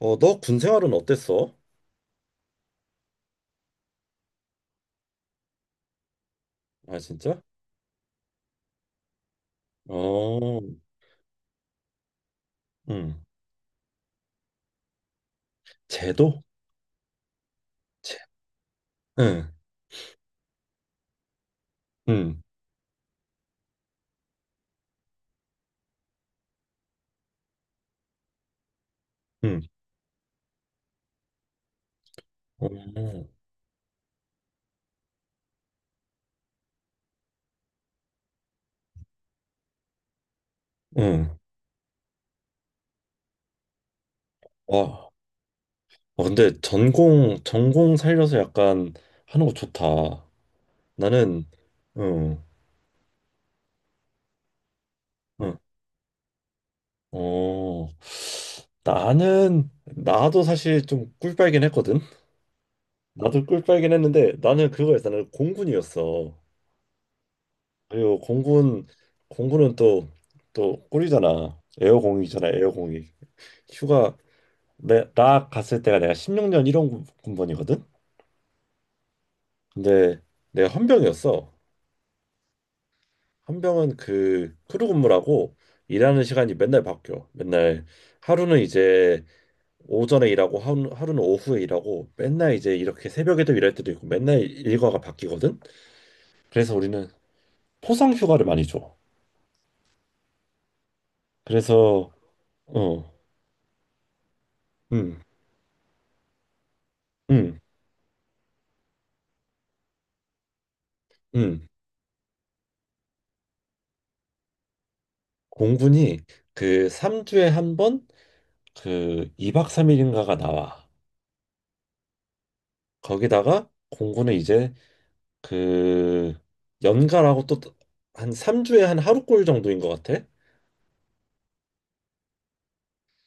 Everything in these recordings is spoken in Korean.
너 군 생활은 어땠어? 아, 진짜? 어, 응. 제도? 제, 응, 응, 응, 어, 응. 와, 근데 전공 살려서 약간 하는 거 좋다. 나는, 응, 응, 어, 나도 사실 좀 꿀빨긴 했거든? 나도 꿀빨긴 했는데, 나는 그거였어. 나는 공군이었어. 그리고 공군은 또 꿀이잖아. 에어공이잖아, 에어공이. 휴가 나 갔을 때가 내가 16년 1원 군번이거든. 근데 내가 헌병이었어. 헌병은 그 크루 근무라고 일하는 시간이 맨날 바뀌어. 맨날 하루는 이제 오전에 일하고 하루는 오후에 일하고 맨날 이제 이렇게 새벽에도 일할 때도 있고 맨날 일과가 바뀌거든. 그래서 우리는 포상 휴가를 많이 줘. 그래서. 어, 음, 음, 음. 공군이 그 3주에 한 번 그 2박 3일인가가 나와. 거기다가 공구는 이제 그 연가라고 또 한 3주에 한 하루꼴 정도인 것 같아.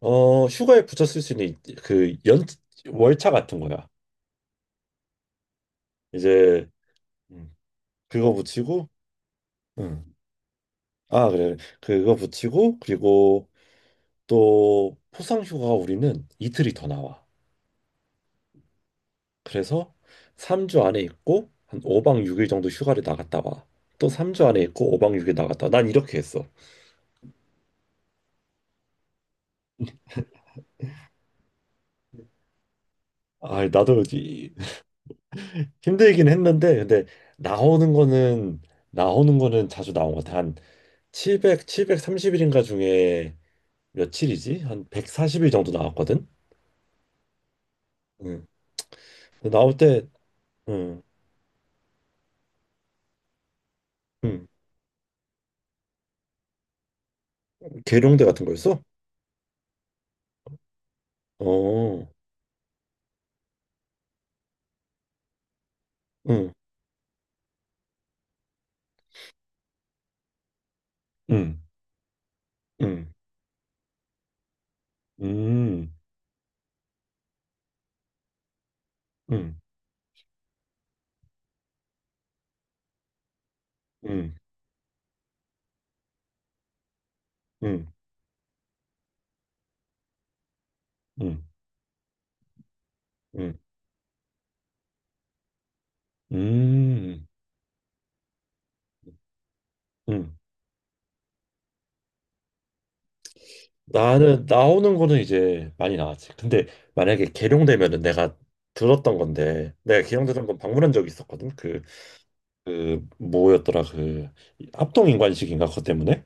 휴가에 붙여 쓸 수 있는 그 연, 월차 같은 거야. 이제. 음, 그거 붙이고. 음. 아, 그래. 그거 붙이고, 그리고 또 포상 휴가 우리는 이틀이 더 나와. 그래서 3주 안에 있고, 한 5박 6일 정도 휴가를 나갔다 와. 또 3주 안에 있고, 5박 6일 나갔다 와. 난 이렇게 했어. 아, 나도 힘들긴 했는데, 근데 나오는 거는 나오는 거는 자주 나온 것 같아. 한7백 칠백 3 0일인가 중에 며칠이지? 한 140일 정도 나왔거든. 응. 근데 나올 때. 응. 응. 계룡대 같은 거였어? 어. 응. 응. 응. 음. 응. 응. 응. 응. 응. 음. 응. 나는 나오는 거는 이제 많이 나왔지. 근데 만약에 계룡되면은, 내가 들었던 건데, 내가 계룡대장군 방문한 적이 있었거든. 그 뭐였더라, 그 합동인관식인가 그것 때문에.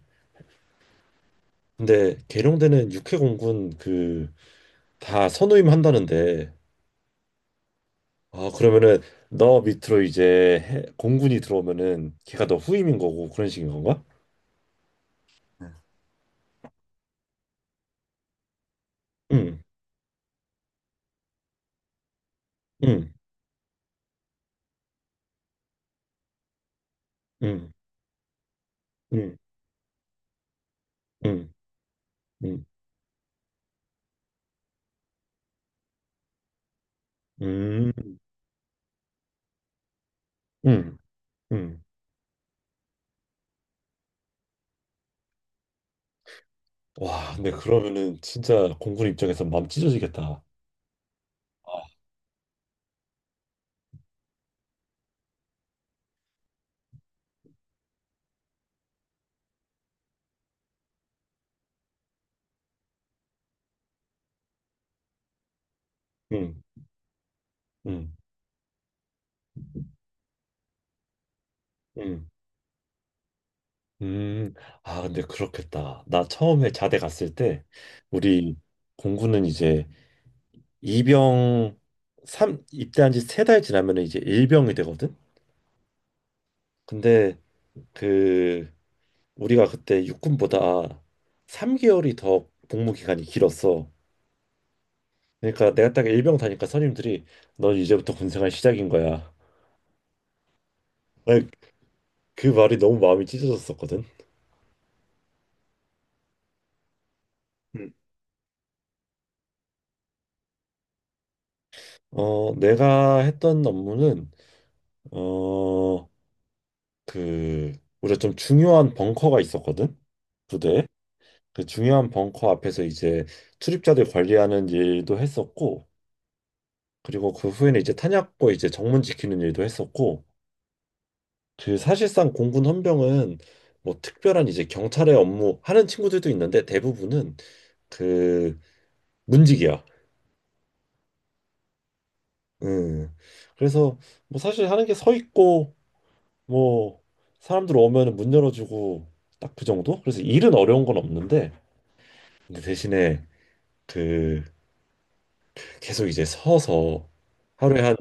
근데 계룡대는 육해공군 그 다 선후임 한다는데. 아, 그러면은 너 밑으로 이제 공군이 들어오면은 걔가 너 후임인 거고 그런 식인 건가? 응, 응, 응, 응, 응, 응, 응, 응, 응. 와, 근데 그러면은 진짜 공군 입장에서 마음 찢어지겠다. 응, 응, 응. 음. 아, 근데 그렇겠다. 나 처음에 자대 갔을 때, 우리 공군은 이제 이병, 삼 입대한 지 세 달 지나면 이제 일병이 되거든? 근데 그, 우리가 그때 육군보다 3개월이 더 복무 기간이 길었어. 그러니까 내가 딱 일병 다니까 선임들이 넌 이제부터 군생활 시작인 거야. 나 그 말이 너무 마음이 찢어졌었거든. 음. 내가 했던 업무는, 어, 그 우리가 좀 중요한 벙커가 있었거든. 부대에. 그 중요한 벙커 앞에서 이제 출입자들 관리하는 일도 했었고, 그리고 그 후에는 이제 탄약고 이제 정문 지키는 일도 했었고. 그 사실상 공군 헌병은 뭐 특별한 이제 경찰의 업무 하는 친구들도 있는데, 대부분은 그 문직이야. 음. 그래서 뭐 사실 하는 게 서 있고, 뭐 사람들 오면은 문 열어주고, 딱 그 정도. 그래서 일은 어려운 건 없는데, 근데 대신에 그 계속 이제 서서 하루에 한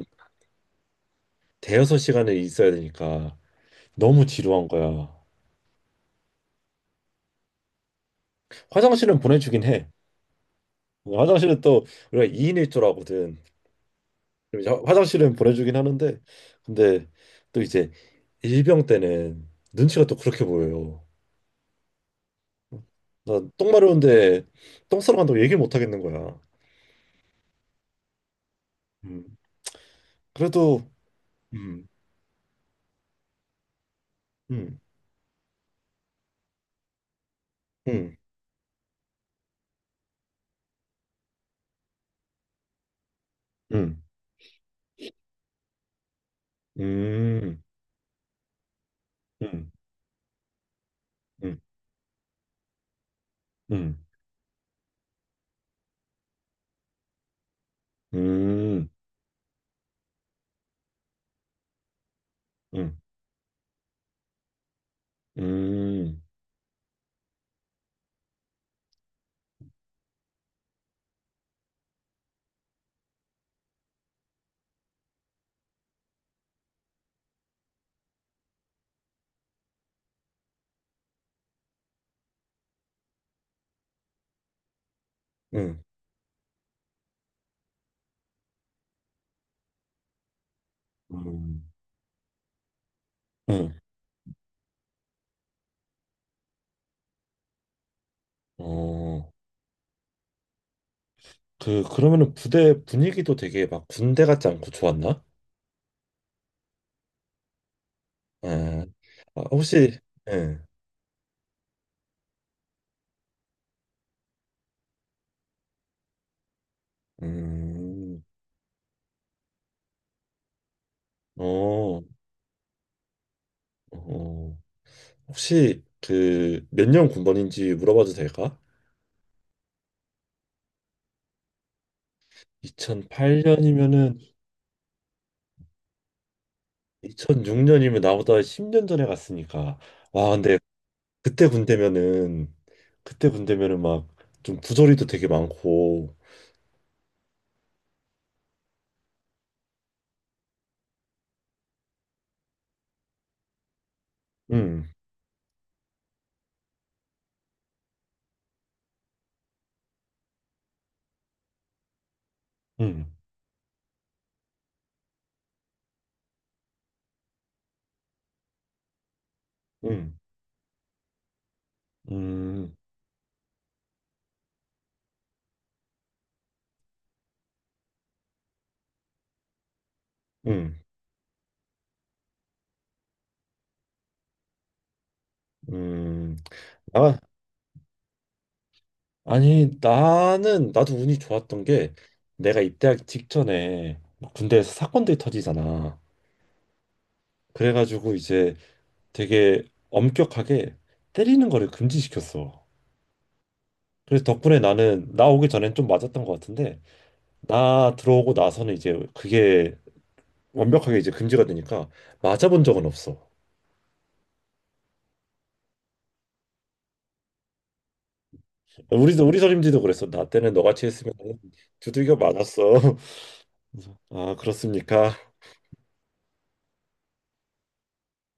대여섯 시간을 있어야 되니까 너무 지루한 거야. 화장실은 보내주긴 해. 화장실은 또 우리가 2인 1조라거든. 그럼 이제 화장실은 보내주긴 하는데, 근데 또 이제 일병 때는 눈치가 또 그렇게 보여요. 나 똥 마려운데 똥 싸러 간다고 얘기를 못 하겠는 거야. 음. 그래도. 음. 음. 음. 음. 음. 음. 음. 음. 음. 음. 음, 음, 음, 음. 어, 그러면은 부대 분위기도 되게 막 군대 같지 않고 좋았나? 예. 아, 혹시. 예. 음. 어, 어, 혹시 그 몇 년 군번인지 물어봐도 될까? 2008년이면은 2006년이면 나보다 10년 전에 갔으니까. 와, 근데 그때 군대면은, 막 좀 부조리도 되게 많고. 음, 음, 음. 음, 음, 음. 아, 아니, 나도 운이 좋았던 게, 내가 입대하기 직전에 막 군대에서 사건들이 터지잖아. 그래가지고 이제 되게 엄격하게 때리는 거를 금지시켰어. 그래서 덕분에 나 오기 전엔 좀 맞았던 것 같은데, 나 들어오고 나서는 이제 그게 완벽하게 이제 금지가 되니까 맞아본 적은 없어. 우리 선임지도 그랬어. 나 때는 너같이 했으면 두들겨 맞았어. 그래서, 아, 그렇습니까?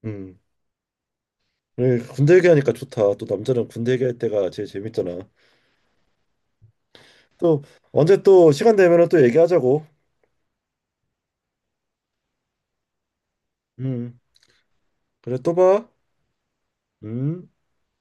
음. 그래, 군대 얘기하니까 좋다. 또 남자는 군대 얘기할 때가 제일 재밌잖아. 또 언제 또 시간 되면은 또 얘기하자고. 음. 그래, 또 봐. 음.